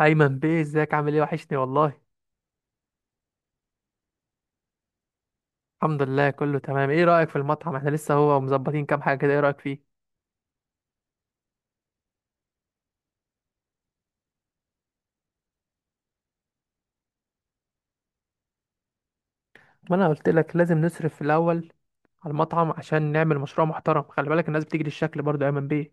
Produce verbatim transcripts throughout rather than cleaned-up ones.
ايمن بيه، ازيك؟ عامل ايه؟ وحشني والله. الحمد لله كله تمام. ايه رايك في المطعم؟ احنا لسه هو مظبطين كام حاجه كده. ايه رايك فيه؟ ما انا قلت لك لازم نصرف في الاول على المطعم عشان نعمل مشروع محترم. خلي بالك الناس بتيجي للشكل برضو يا ايمن بيه.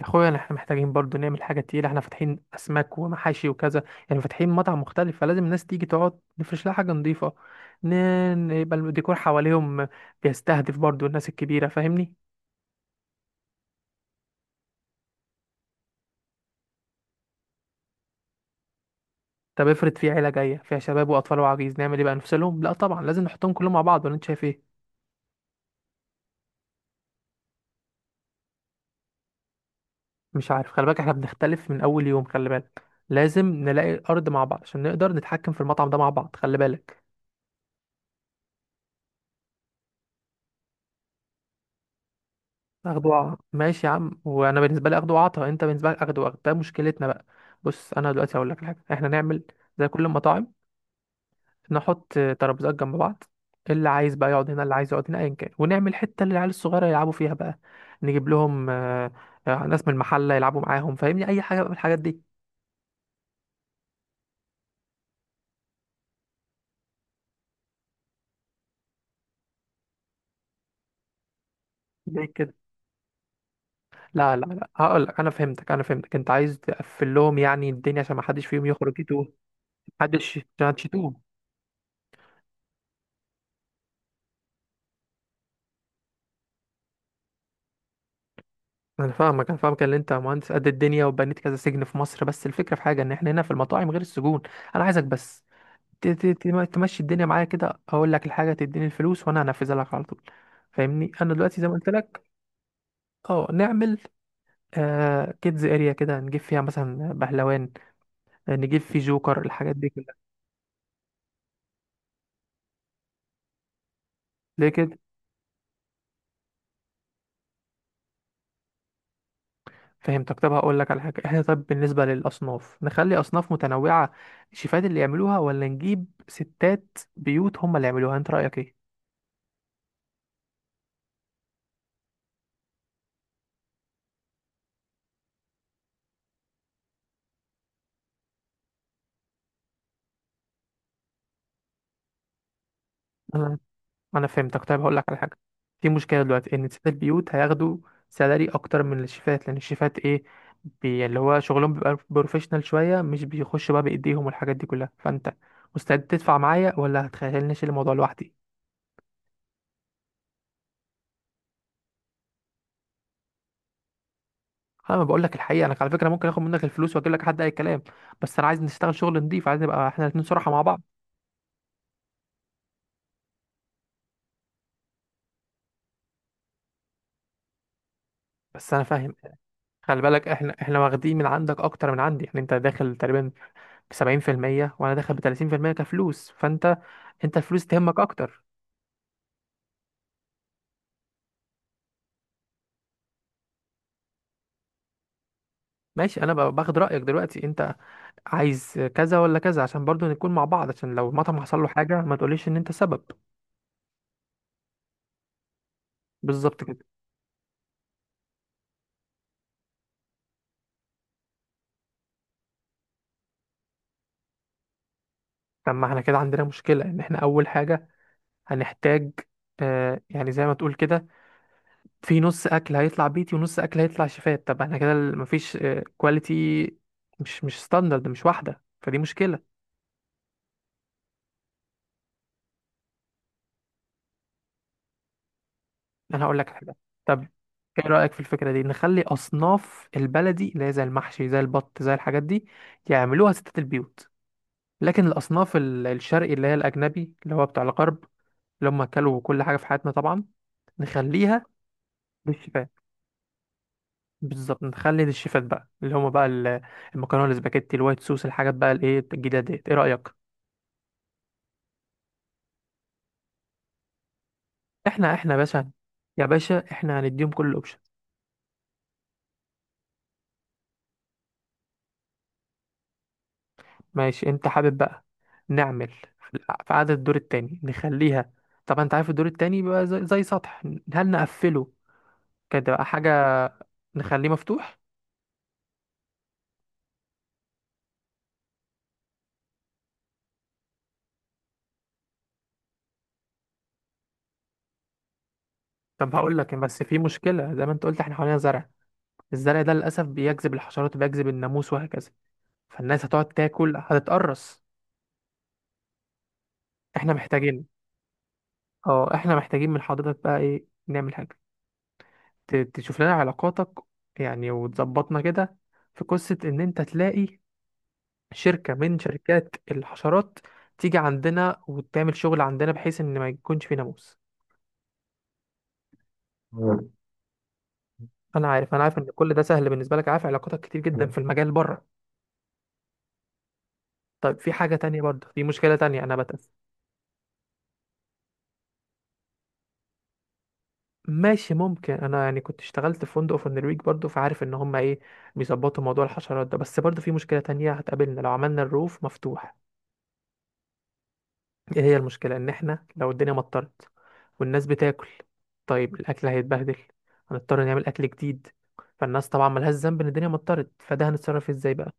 يا اخويا احنا محتاجين برضو نعمل حاجه تقيله. احنا فاتحين اسماك ومحاشي وكذا، يعني فاتحين مطعم مختلف، فلازم الناس تيجي تقعد، نفرش لها حاجه نظيفه. ن- يبقى الديكور حواليهم بيستهدف برضو الناس الكبيره، فاهمني؟ طب افرض في عيله جايه فيها شباب واطفال وعجيز، نعمل ايه بقى؟ نفصلهم؟ لا طبعا، لازم نحطهم كلهم مع بعض، ولا انت شايف ايه؟ مش عارف، خلي بالك احنا بنختلف من اول يوم، خلي بالك. لازم نلاقي الارض مع بعض عشان نقدر نتحكم في المطعم ده مع بعض، خلي بالك. اخده وع- ماشي يا عم، وانا بالنسبه لي اخده وعطا، انت بالنسبه لك اخده وعطا، ده مشكلتنا بقى. بص انا دلوقتي هقول لك حاجه، احنا نعمل زي كل المطاعم، نحط ترابيزات جنب بعض، اللي عايز بقى يقعد هنا، اللي عايز يقعد هنا، ايا كان، ونعمل حته للعيال الصغيره يلعبوا فيها بقى. نجيب لهم آه، آه، ناس من المحله يلعبوا معاهم، فاهمني؟ اي حاجه بقى من الحاجات دي. زي كده. لا لا لا، هقول لك، انا فهمتك، انا فهمتك، انت عايز تقفل لهم يعني الدنيا عشان ما حدش فيهم يخرج يتوه. محدش، عشان محدش يتوه. انا فاهمك انا فاهمك ان انت مهندس قد الدنيا وبنيت كذا سجن في مصر، بس الفكره في حاجه ان احنا هنا في المطاعم غير السجون. انا عايزك بس ت- ت- ت- تمشي الدنيا معايا كده، اقول لك الحاجه تديني الفلوس وانا هنفذها لك على طول، فاهمني؟ انا دلوقتي زي ما قلت لك، اه نعمل آه كيدز اريا كده، نجيب فيها مثلا بهلوان، نجيب فيه جوكر، الحاجات دي كلها. ليه كده؟ فهمتك. طب هقول لك على حاجه، احنا طب بالنسبه للاصناف نخلي اصناف متنوعه، الشيفات اللي يعملوها، ولا نجيب ستات بيوت هم اللي يعملوها؟ انت رايك ايه؟ انا فهمتك. طيب هقول لك على حاجه، في مشكله دلوقتي ان سيد البيوت هياخدوا سالاري اكتر من الشيفات، لان الشيفات ايه، بي اللي هو شغلهم بيبقى بروفيشنال شويه، مش بيخش بقى بايديهم والحاجات دي كلها، فانت مستعد تدفع معايا ولا هتخيلني اشيل الموضوع لوحدي؟ انا ما بقول لك الحقيقه، انا على فكره ممكن اخد منك الفلوس واجيب لك حد اي كلام، بس انا عايز نشتغل شغل نضيف، عايز نبقى احنا الاثنين صراحه مع بعض. بس انا فاهم، خلي بالك احنا احنا واخدين من عندك اكتر من عندي، يعني انت داخل تقريبا ب سبعين في المية، وانا داخل ب تلاتين في المية كفلوس، فانت، انت الفلوس تهمك اكتر. ماشي، انا ب- باخد رايك دلوقتي، انت عايز كذا ولا كذا، عشان برضو نكون مع بعض، عشان لو المطعم حصل له حاجه ما تقوليش ان انت سبب. بالظبط كده. طب ما احنا كده عندنا مشكله، ان احنا اول حاجه هنحتاج آه يعني زي ما تقول كده، في نص اكل هيطلع بيتي ونص اكل هيطلع شيفات، طب احنا كده ال- مفيش آه كواليتي، مش مش ستاندرد، مش واحده، فدي مشكله. انا هقول لك حاجه، طب ايه رايك في الفكره دي، نخلي اصناف البلدي اللي هي زي المحشي زي البط زي الحاجات دي يعملوها ستات البيوت، لكن الأصناف ال- الشرقي اللي هي الأجنبي اللي هو بتاع الغرب، اللي هم أكلوا كل حاجة في حياتنا طبعا، نخليها للشيفات. بالظبط، نخلي للشيفات بقى، اللي هم بقى ال- المكرونة، الاسباجيتي، الوايت صوص، الحاجات بقى الإيه الجديدة ديت. إيه رأيك؟ إحنا إحنا يا باشا، يا باشا إحنا هنديهم كل الأوبشن. ماشي، أنت حابب بقى نعمل في في عدد الدور التاني نخليها، طبعا أنت عارف الدور التاني بيبقى زي، زي سطح، هل نقفله كده بقى حاجة، نخليه مفتوح؟ طب هقول لك، بس في مشكلة، زي ما أنت قلت إحنا حوالينا زرع، الزرع ده للأسف بيجذب الحشرات وبيجذب الناموس وهكذا، فالناس هتقعد تاكل هتتقرص. احنا محتاجين، اه احنا محتاجين من حضرتك بقى ايه، نعمل حاجة، ت- تشوف لنا علاقاتك يعني وتظبطنا كده، في قصة ان انت تلاقي شركة من شركات الحشرات تيجي عندنا وتعمل شغل عندنا بحيث ان ما يكونش في ناموس. مم. انا عارف، انا عارف ان كل ده سهل بالنسبة لك، عارف علاقاتك كتير جدا في المجال بره. طيب في حاجة تانية برضه، في مشكلة تانية، انا ماشي ممكن، انا يعني كنت اشتغلت في فندق في النرويج برضو، فعارف ان هم ايه بيظبطوا موضوع الحشرات ده، بس برضو في مشكلة تانية هتقابلنا لو عملنا الروف مفتوح، ايه هي المشكلة؟ ان احنا لو الدنيا مطرت والناس بتاكل، طيب الاكل هيتبهدل، هنضطر نعمل اكل جديد، فالناس طبعا ملهاش ذنب ان الدنيا مطرت، فده هنتصرف ازاي بقى؟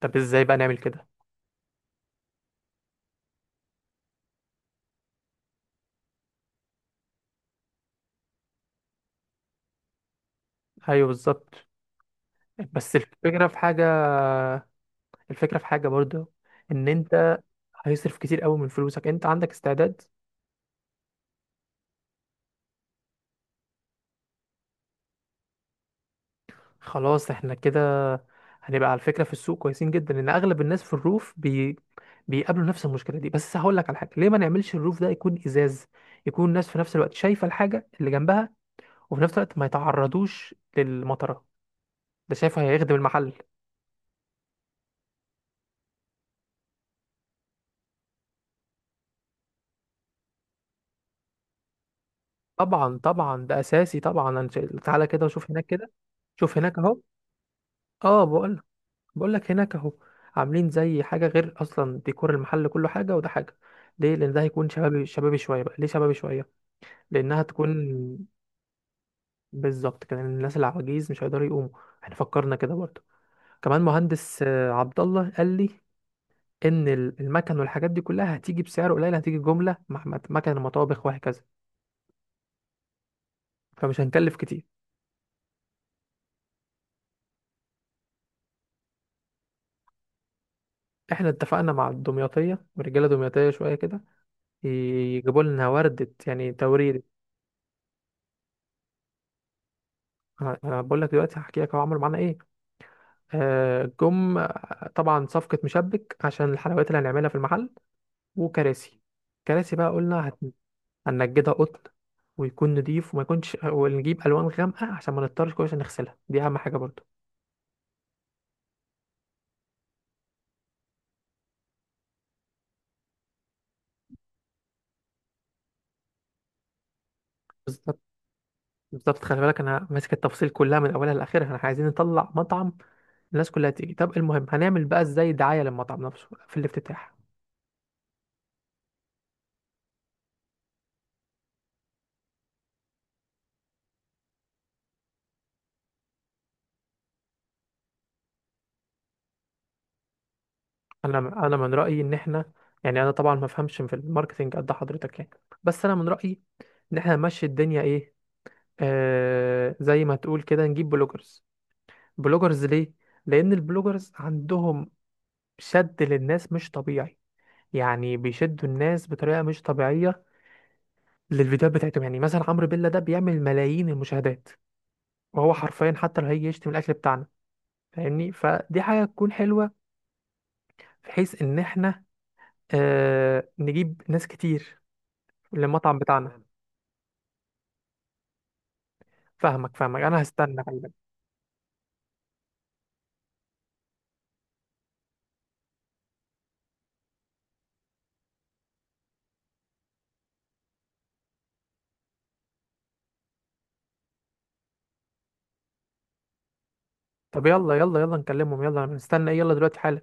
طب ازاي بقى نعمل كده؟ ايوه بالظبط. بس الفكرة في حاجة، الفكرة في حاجة برضو، ان انت هيصرف كتير قوي من فلوسك، انت عندك استعداد؟ خلاص، احنا كده هنبقى على فكرة في السوق كويسين جدا، لان اغلب الناس في الروف بي... بيقابلوا نفس المشكلة دي، بس هقول لك على حاجة، ليه ما نعملش الروف ده يكون ازاز، يكون الناس في نفس الوقت شايفة الحاجة اللي جنبها، وفي نفس الوقت ما يتعرضوش للمطرة، ده شايفه هيخدم المحل. طبعا طبعا ده اساسي طبعا، أنا شايف- تعالى كده وشوف هناك كده، شوف هناك اهو. اه بقول، بقول لك هناك اهو، عاملين زي حاجة غير، اصلا ديكور المحل كله حاجة وده حاجة. ليه؟ لان ده هيكون شبابي، شبابي شوية بقى. ليه شبابي شوية؟ لانها تكون بالظبط كده، لأن الناس العواجيز مش هيقدروا يقوموا. احنا فكرنا كده برضه، كمان مهندس آه، عبد الله قال لي ان ال- المكن والحاجات دي كلها هتيجي بسعر قليل، هتيجي جمله مع مت- مكن ومطابخ وهكذا، فمش هنكلف كتير. احنا اتفقنا مع الدمياطيه، ورجاله دمياطيه شويه كده، يجيبوا لنا ورده يعني توريد. انا أنا بقول لك دلوقتي هحكي لك هو عملوا معانا ايه، آه، جم آه، طبعا صفقه مشبك عشان الحلويات اللي هنعملها في المحل، وكراسي، كراسي بقى قلنا هننجدها قطن، ويكون نضيف وما يكونش، ونجيب الوان غامقه عشان ما نضطرش كل عشان نغسلها، دي اهم حاجه برضو. بالظبط، بالظبط، خلي بالك انا ماسك التفاصيل كلها من اولها لاخرها، احنا عايزين نطلع مطعم الناس كلها تيجي. طب المهم هنعمل بقى ازاي دعايه للمطعم نفسه في الافتتاح؟ انا انا من رايي ان احنا، يعني انا طبعا ما افهمش في الماركتنج قد حضرتك يعني، بس انا من رايي ان احنا نمشي الدنيا ايه، آه زي ما تقول كده، نجيب بلوجرز. بلوجرز ليه؟ لان البلوجرز عندهم شد للناس مش طبيعي، يعني بيشدوا الناس بطريقه مش طبيعيه للفيديوهات بتاعتهم، يعني مثلا عمرو بيلا ده بيعمل ملايين المشاهدات، وهو حرفيا حتى لو هيجي يشتم الاكل بتاعنا، فاهمني؟ فدي حاجه تكون حلوه، بحيث ان احنا آه نجيب ناس كتير للمطعم بتاعنا. فاهمك فاهمك، انا هستنى، خلي بالك. طب يلا يلا يلا نكلمهم، يلا انا مستنى ايه؟ يلا دلوقتي حالا.